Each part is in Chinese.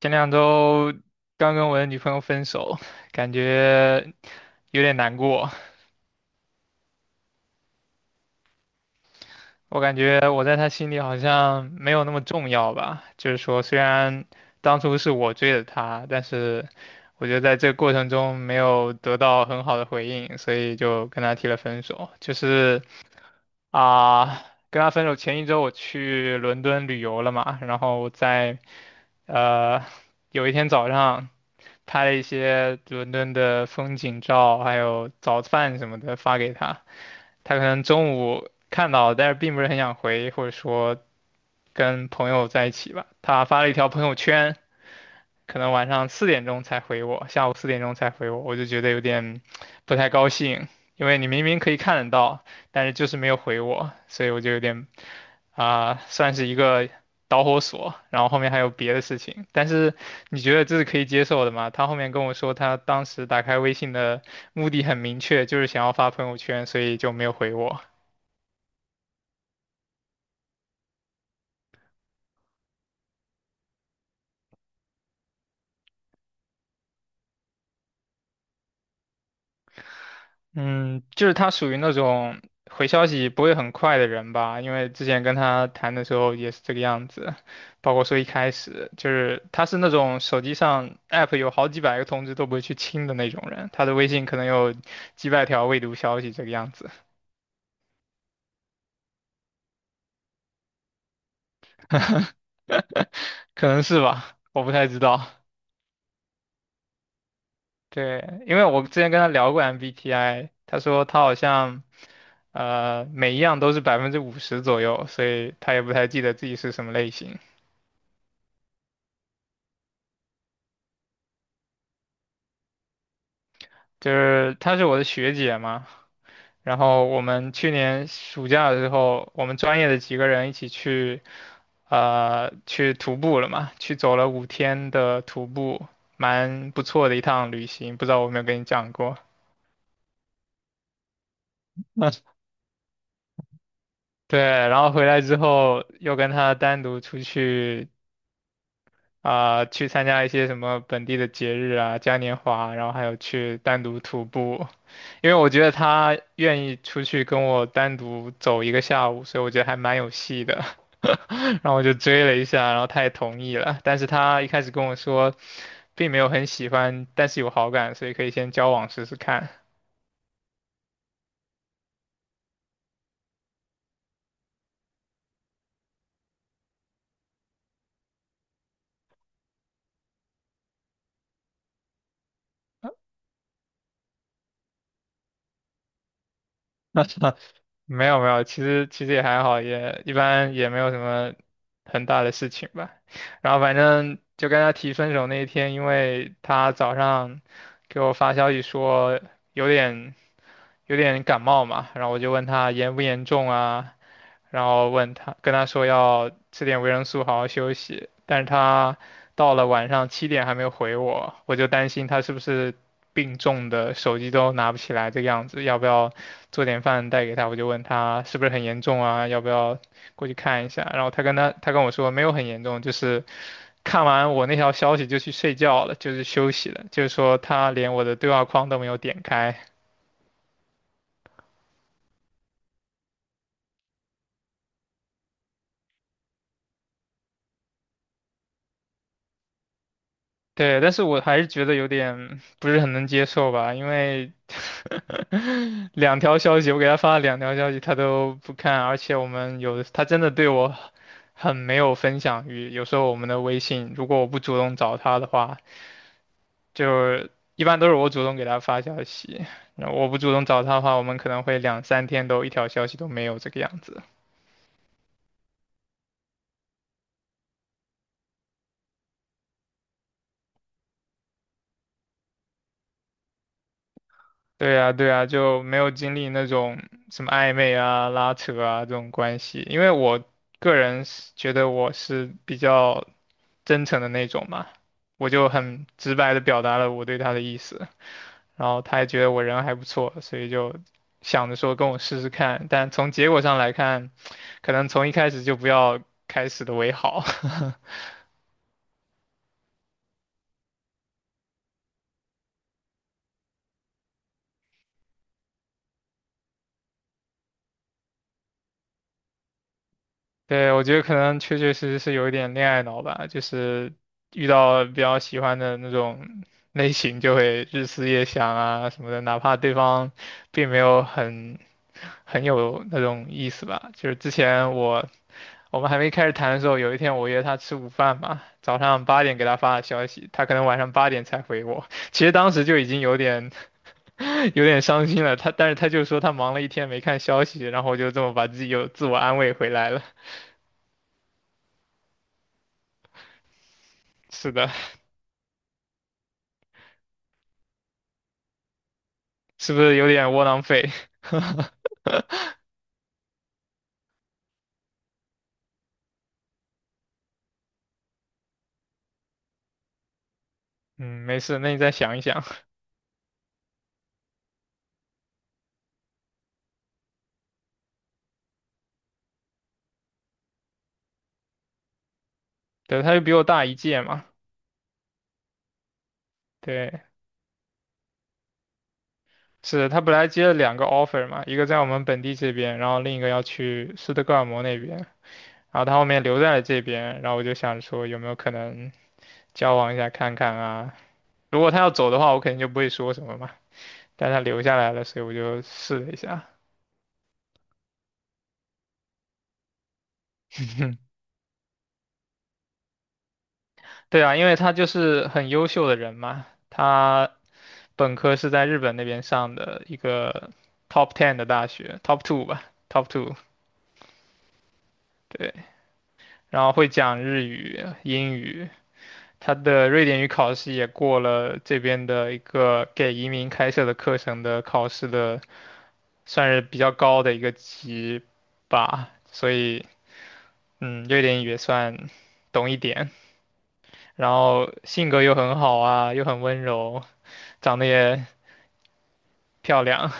前两周刚跟我的女朋友分手，感觉有点难过。我感觉我在她心里好像没有那么重要吧。就是说，虽然当初是我追的她，但是我觉得在这个过程中没有得到很好的回应，所以就跟她提了分手。就是啊、跟她分手前一周我去伦敦旅游了嘛，然后我在呃有一天早上拍了一些伦敦的风景照，还有早饭什么的发给他。他可能中午看到，但是并不是很想回，或者说跟朋友在一起吧。他发了一条朋友圈，可能晚上四点钟才回我，下午四点钟才回我，我就觉得有点不太高兴，因为你明明可以看得到，但是就是没有回我，所以我就有点算是一个导火索。然后后面还有别的事情，但是你觉得这是可以接受的吗？他后面跟我说，他当时打开微信的目的很明确，就是想要发朋友圈，所以就没有回我。嗯，就是他属于那种回消息不会很快的人吧，因为之前跟他谈的时候也是这个样子，包括说一开始就是他是那种手机上 app 有好几百个通知都不会去清的那种人，他的微信可能有几百条未读消息这个样子。可能是吧，我不太知道。对，因为我之前跟他聊过 MBTI，他说他好像每一样都是50%左右，所以他也不太记得自己是什么类型。就是她是我的学姐嘛，然后我们去年暑假的时候，我们专业的几个人一起去，去徒步了嘛，去走了5天的徒步，蛮不错的一趟旅行，不知道我有没有跟你讲过。对，然后回来之后又跟她单独出去去参加一些什么本地的节日啊、嘉年华啊，然后还有去单独徒步，因为我觉得他愿意出去跟我单独走一个下午，所以我觉得还蛮有戏的。然后我就追了一下，然后他也同意了，但是他一开始跟我说，并没有很喜欢，但是有好感，所以可以先交往试试看。没有没有，其实也还好，也一般也没有什么很大的事情吧。然后反正就跟他提分手那一天，因为他早上给我发消息说有点有点感冒嘛，然后我就问他严不严重啊，然后问他，跟他说要吃点维生素，好好休息。但是他到了晚上7点还没有回我，我就担心他是不是病重的，手机都拿不起来这个样子，要不要做点饭带给他？我就问他是不是很严重啊，要不要过去看一下？然后他跟我说没有很严重，就是看完我那条消息就去睡觉了，就是休息了，就是说他连我的对话框都没有点开。对，但是我还是觉得有点不是很能接受吧，因为 两条消息，我给他发了两条消息，他都不看，而且我们有的他真的对我很没有分享欲。有时候我们的微信，如果我不主动找他的话，就是一般都是我主动给他发消息，然后我不主动找他的话，我们可能会两三天都一条消息都没有这个样子。对呀，对呀，就没有经历那种什么暧昧啊、拉扯啊这种关系，因为我个人是觉得我是比较真诚的那种嘛，我就很直白的表达了我对他的意思，然后他也觉得我人还不错，所以就想着说跟我试试看，但从结果上来看，可能从一开始就不要开始的为好。对，我觉得可能确确实实是有一点恋爱脑吧，就是遇到比较喜欢的那种类型，就会日思夜想啊什么的，哪怕对方并没有很有那种意思吧。就是之前我们还没开始谈的时候，有一天我约他吃午饭嘛，早上八点给他发的消息，他可能晚上八点才回我。其实当时就已经有点 有点伤心了，但是他就说他忙了一天没看消息，然后我就这么把自己又自我安慰回来了。是的。是不是有点窝囊废？嗯，没事，那你再想一想。对，他就比我大一届嘛。对，是他本来接了两个 offer 嘛，一个在我们本地这边，然后另一个要去斯德哥尔摩那边。然后他后面留在了这边，然后我就想说有没有可能交往一下看看啊。如果他要走的话，我肯定就不会说什么嘛。但他留下来了，所以我就试了一下。对啊，因为他就是很优秀的人嘛，他本科是在日本那边上的一个 top ten 的大学，top two 吧，top two，对，然后会讲日语、英语，他的瑞典语考试也过了这边的一个给移民开设的课程的考试的，算是比较高的一个级吧，所以嗯，瑞典语也算懂一点，然后性格又很好啊，又很温柔，长得也漂亮。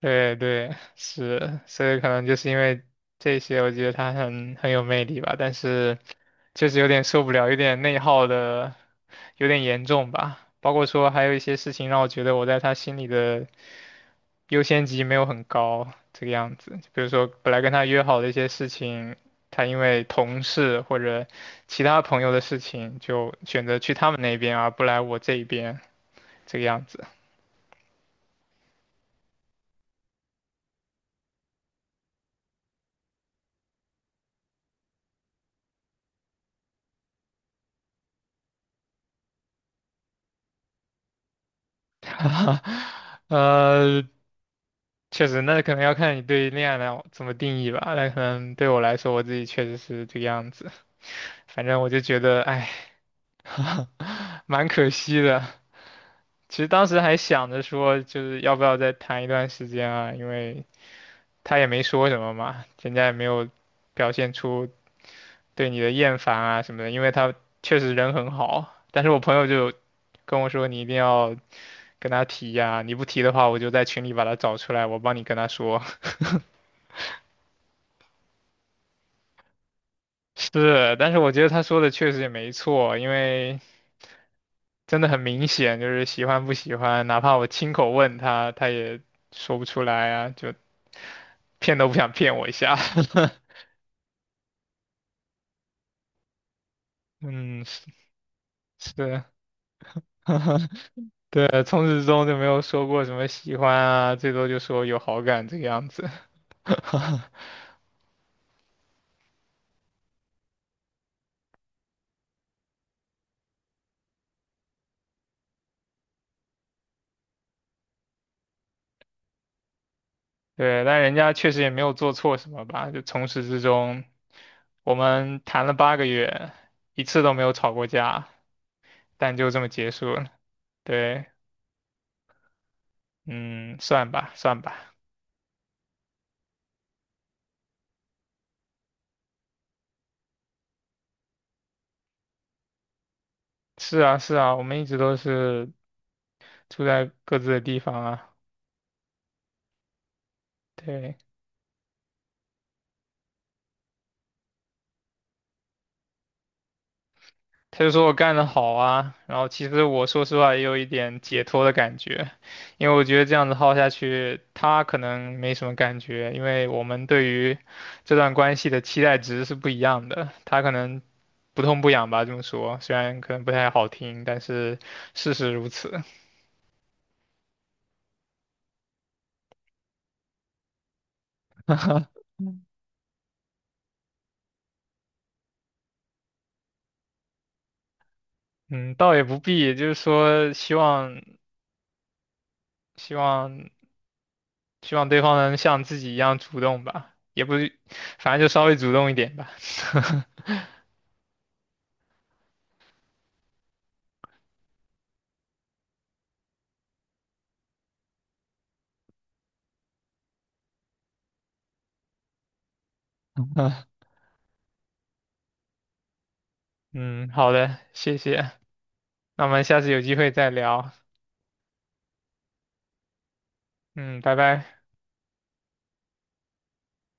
对对，是，所以可能就是因为这些，我觉得他很有魅力吧，但是确实有点受不了，有点内耗的有点严重吧。包括说还有一些事情让我觉得我在他心里的优先级没有很高，这个样子。比如说本来跟他约好的一些事情，他因为同事或者其他朋友的事情，就选择去他们那边而不来我这一边，这个样子。哈，呃，确实，那可能要看你对恋爱来怎么定义吧。那可能对我来说，我自己确实是这个样子。反正我就觉得，哎，蛮可惜的。其实当时还想着说，就是要不要再谈一段时间啊？因为他也没说什么嘛，人家也没有表现出对你的厌烦啊什么的。因为他确实人很好，但是我朋友就跟我说，你一定要跟他提呀、你不提的话，我就在群里把他找出来，我帮你跟他说。是，但是我觉得他说的确实也没错，因为真的很明显，就是喜欢不喜欢，哪怕我亲口问他，他也说不出来啊，就骗都不想骗我一下。嗯，是是，对，从始至终就没有说过什么喜欢啊，最多就说有好感这个样子。对，但人家确实也没有做错什么吧，就从始至终我们谈了8个月，一次都没有吵过架，但就这么结束了。对，嗯，算吧，算吧。是啊，是啊，我们一直都是住在各自的地方啊。对。他就说我干得好啊，然后其实我说实话也有一点解脱的感觉，因为我觉得这样子耗下去，他可能没什么感觉，因为我们对于这段关系的期待值是不一样的，他可能不痛不痒吧，这么说，虽然可能不太好听，但是事实如此。嗯，倒也不必，就是说希望希望对方能像自己一样主动吧，也不，反正就稍微主动一点吧。嗯，好的，谢谢，那我们下次有机会再聊。嗯，拜拜。